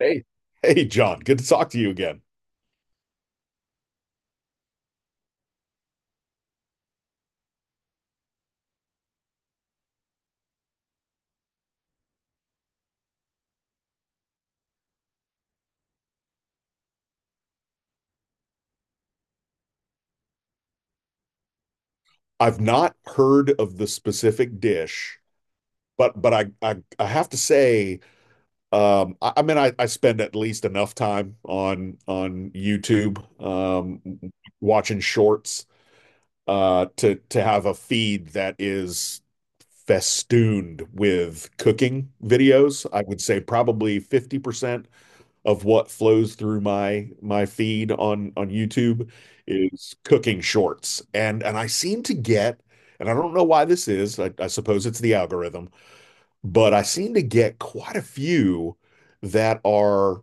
Hey, hey, John. Good to talk to you again. I've not heard of the specific dish, but I have to say. I mean, I spend at least enough time on YouTube, um, watching shorts, to have a feed that is festooned with cooking videos. I would say probably 50% of what flows through my my feed on YouTube is cooking shorts. And I seem to get, and I don't know why this is, I suppose it's the algorithm, but I seem to get quite a few that are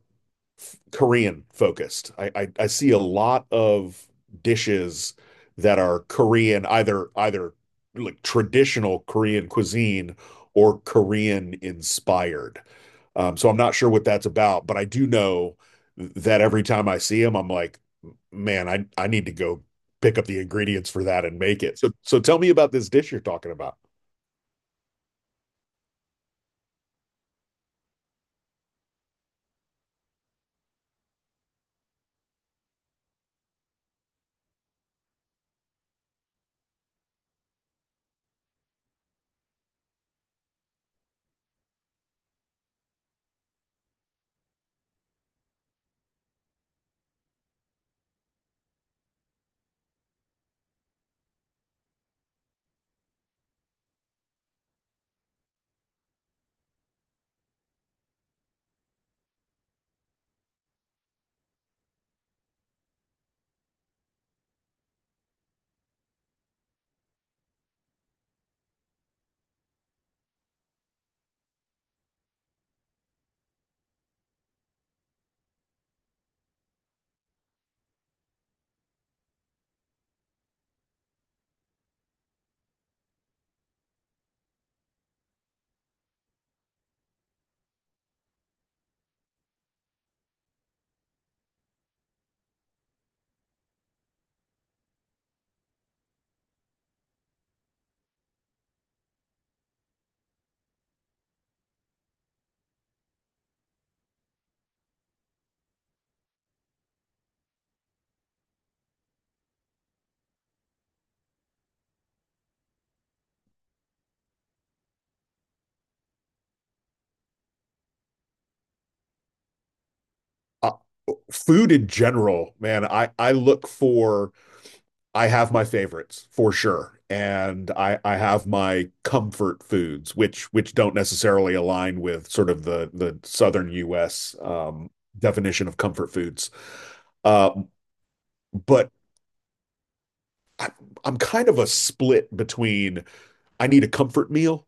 Korean focused. I see a lot of dishes that are Korean, either like traditional Korean cuisine or Korean inspired. So I'm not sure what that's about, but I do know that every time I see them, I'm like, man, I need to go pick up the ingredients for that and make it. So so tell me about this dish you're talking about. uh, Food in general, man, I look for — I have my favorites for sure, and I have my comfort foods, which don't necessarily align with sort of the southern U.S. Definition of comfort foods. Uh, but I, I'm kind of a split between I need a comfort meal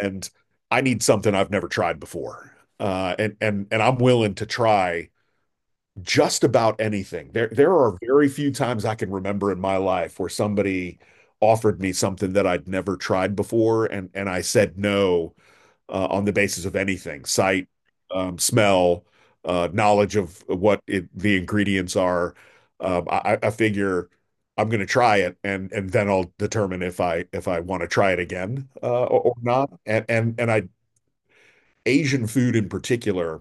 and I need something I've never tried before. And and I'm willing to try just about anything. There are very few times I can remember in my life where somebody offered me something that I'd never tried before, and I said no on the basis of anything, sight, smell, knowledge of what the ingredients are. I figure I'm going to try it, and then I'll determine if I want to try it again, or not. And I — Asian food in particular.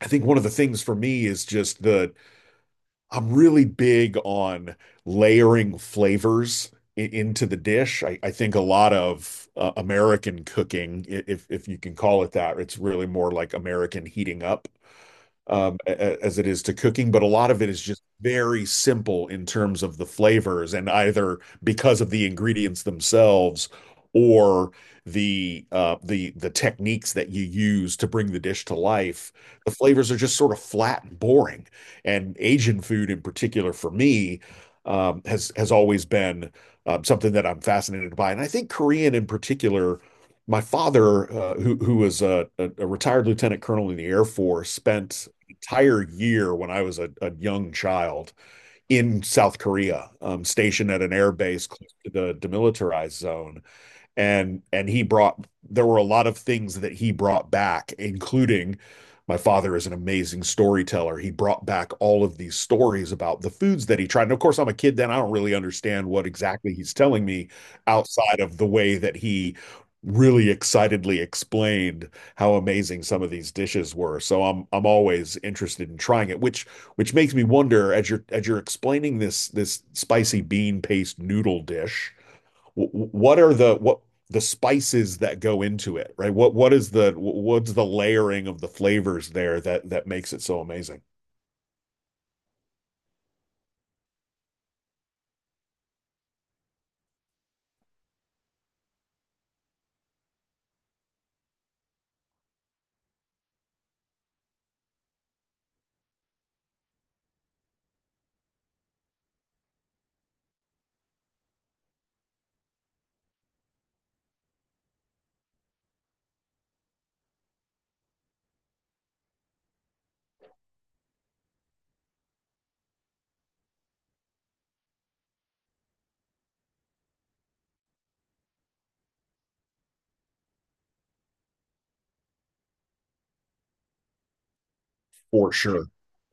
I think one of the things for me is just the — I'm really big on layering flavors into the dish. I think a lot of American cooking, if you can call it that, it's really more like American heating up, um, as it is to cooking, but a lot of it is just very simple in terms of the flavors, and either because of the ingredients themselves or the techniques that you use to bring the dish to life, the flavors are just sort of flat and boring. And Asian food, in particular, for me, has always been something that I'm fascinated by, and I think Korean in particular — my father, who was a retired lieutenant colonel in the Air Force, spent entire year when I was a young child in South Korea, stationed at an air base close to the demilitarized zone, and he brought — there were a lot of things that he brought back, including — my father is an amazing storyteller. He brought back all of these stories about the foods that he tried, and of course I'm a kid then, I don't really understand what exactly he's telling me outside of the way that he really excitedly explained how amazing some of these dishes were. So I'm always interested in trying it, which makes me wonder, as you're explaining this this spicy bean paste noodle dish, what are the — what the spices that go into it, right? What's the — what's the layering of the flavors there that that makes it so amazing? For sure.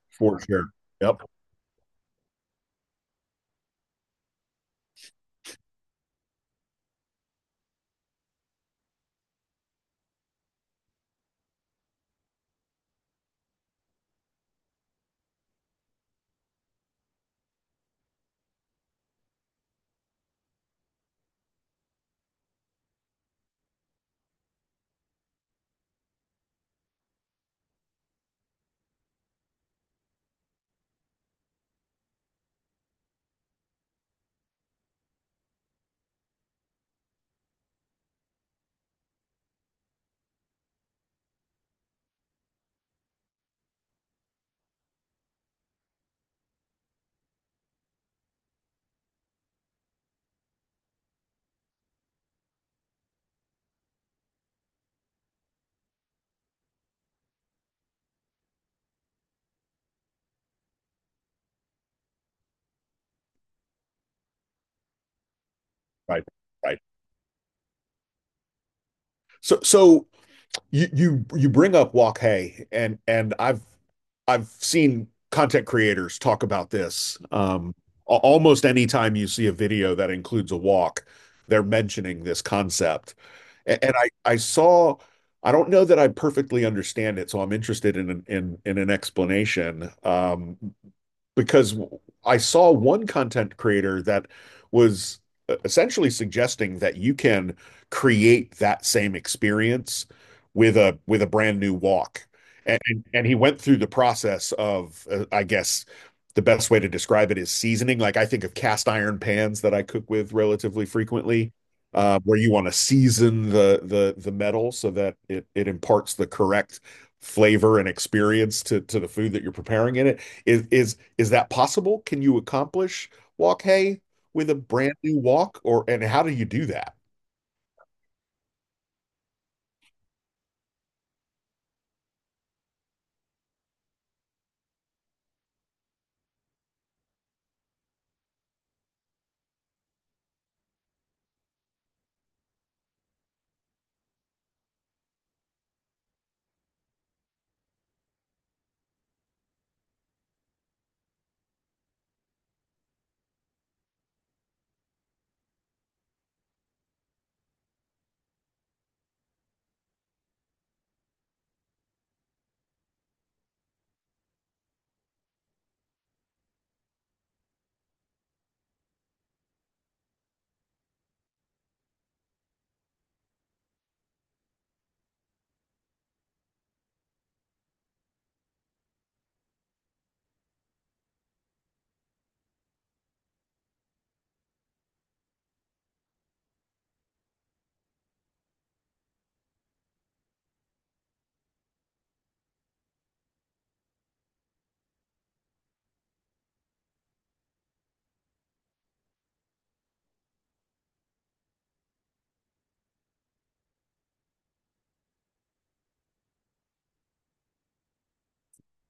For sure. Yep. Right. Right. So so you bring up Wok Hey, and I've seen content creators talk about this. Almost any time you see a video that includes a wok, they're mentioning this concept. And I saw — I don't know that I perfectly understand it, so I'm interested in an explanation. Because I saw one content creator that was essentially suggesting that you can create that same experience with a brand new walk. And and he went through the process of, I guess the best way to describe it is seasoning. Like I think of cast iron pans that I cook with relatively frequently, where you want to season the metal so that it imparts the correct flavor and experience to the food that you're preparing in it. Is that possible? Can you accomplish walk hay with a brand new walk, or — and how do you do that?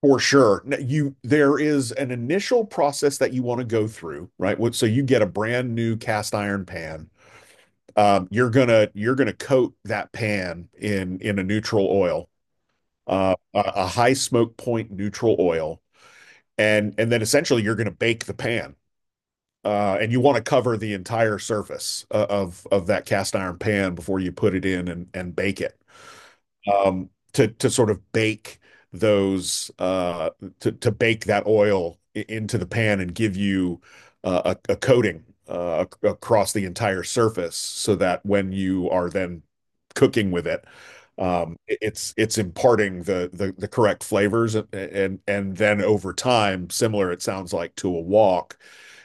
For sure. Now, You there is an initial process that you want to go through, right? So you get a brand new cast iron pan. You're gonna you're gonna coat that pan in a neutral oil, uh, a, a high smoke point neutral oil, and then essentially you're gonna bake the pan. And you want to cover the entire surface of that cast iron pan before you put it in and bake it, to sort of bake those, uh, to bake that oil into the pan and give you a coating, across the entire surface so that when you are then cooking with it, it's imparting the correct flavors. And then over time, similar, it sounds like, to a wok,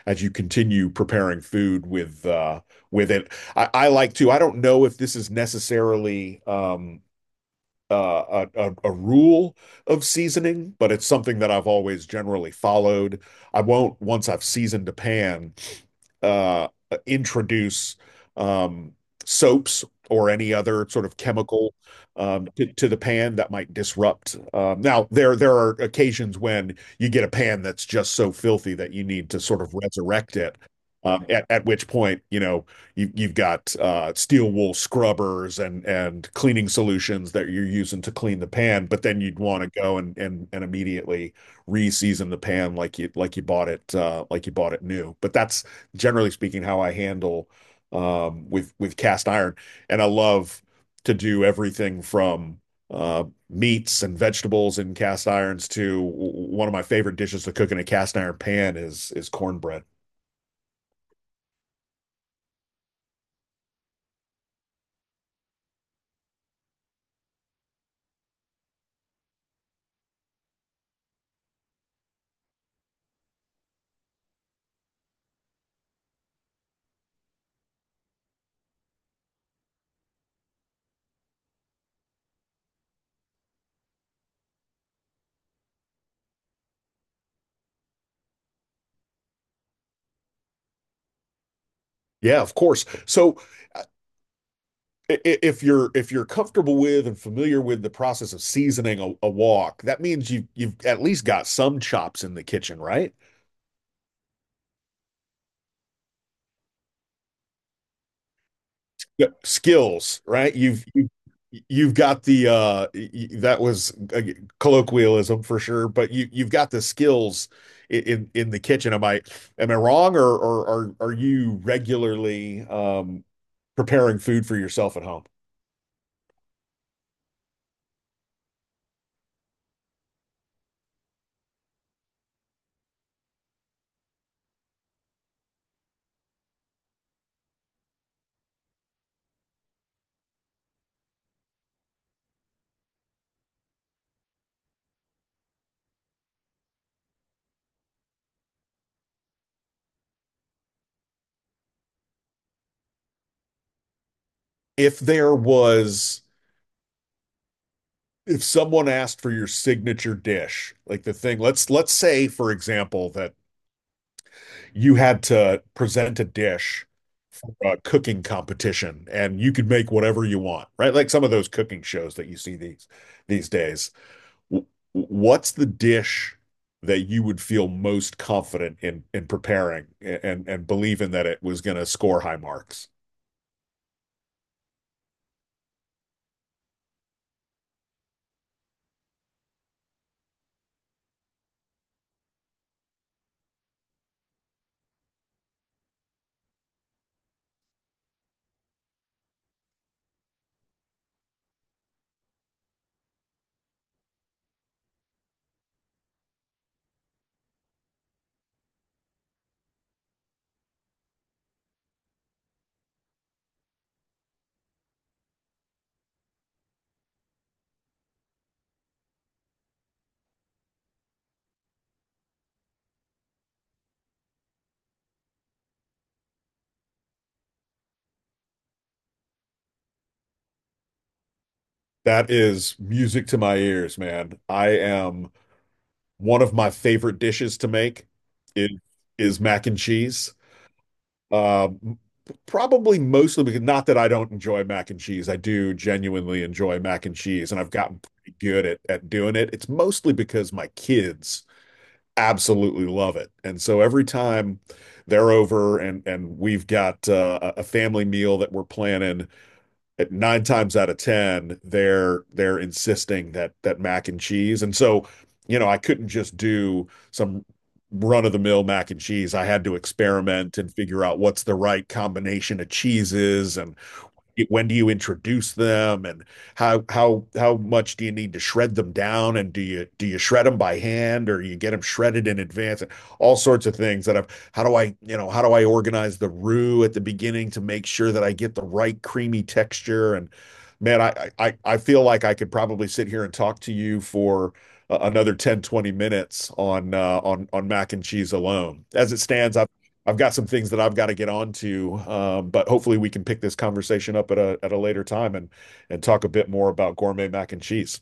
as you continue preparing food with, with it. I like to — I don't know if this is necessarily — a rule of seasoning, but it's something that I've always generally followed. I won't, once I've seasoned a pan, uh, introduce, um, soaps or any other sort of chemical, to the pan that might disrupt. Now, there are occasions when you get a pan that's just so filthy that you need to sort of resurrect it, at which point, you know, you, you've got steel wool scrubbers and cleaning solutions that you're using to clean the pan, but then you'd want to go and immediately re-season the pan like you bought it, like you bought it new. But that's generally speaking, how I handle, with cast iron. And I love to do everything from uh, meats and vegetables in cast irons to — one of my favorite dishes to cook in a cast iron pan is cornbread. Yeah, of course. So if you're comfortable with and familiar with the process of seasoning a wok, that means you've at least got some chops in the kitchen, right? Yeah, skills, right? You've got the uh — that was a colloquialism for sure, but you you've got the skills in the kitchen. Am I wrong, or are you regularly preparing food for yourself at home? If there was — if someone asked for your signature dish, like the thing, let's say, for example, that you had to present a dish — a cooking competition, and you could make whatever you want, right? Like some of those cooking shows that you see these days. W- What's the dish that you would feel most confident in preparing and believing that it was going to score high marks? That is music to my ears, man. I am — one of my favorite dishes to make is, is mac and cheese. Um, Probably mostly because — not that I don't enjoy mac and cheese. I do genuinely enjoy mac and cheese, and I've gotten pretty good at doing it. It's mostly because my kids absolutely love it. And so every time they're over and we've got a a family meal that we're planning, at nine times out of ten, they're insisting that that mac and cheese. And so, you know, I couldn't just do some run of the mill mac and cheese. I had to experiment and figure out what's the right combination of cheeses, and when do you introduce them, and how much do you need to shred them down, and do you shred them by hand or you get them shredded in advance, and all sorts of things that I've — how do I, you know, how do I organize the roux at the beginning to make sure that I get the right creamy texture? And man, I feel like I could probably sit here and talk to you for another 10 20 minutes on, on mac and cheese alone. As it stands, I've got some things that I've got to get on to, but hopefully we can pick this conversation up at a later time and talk a bit more about gourmet mac and cheese.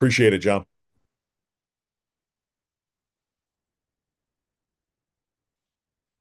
Appreciate it, John.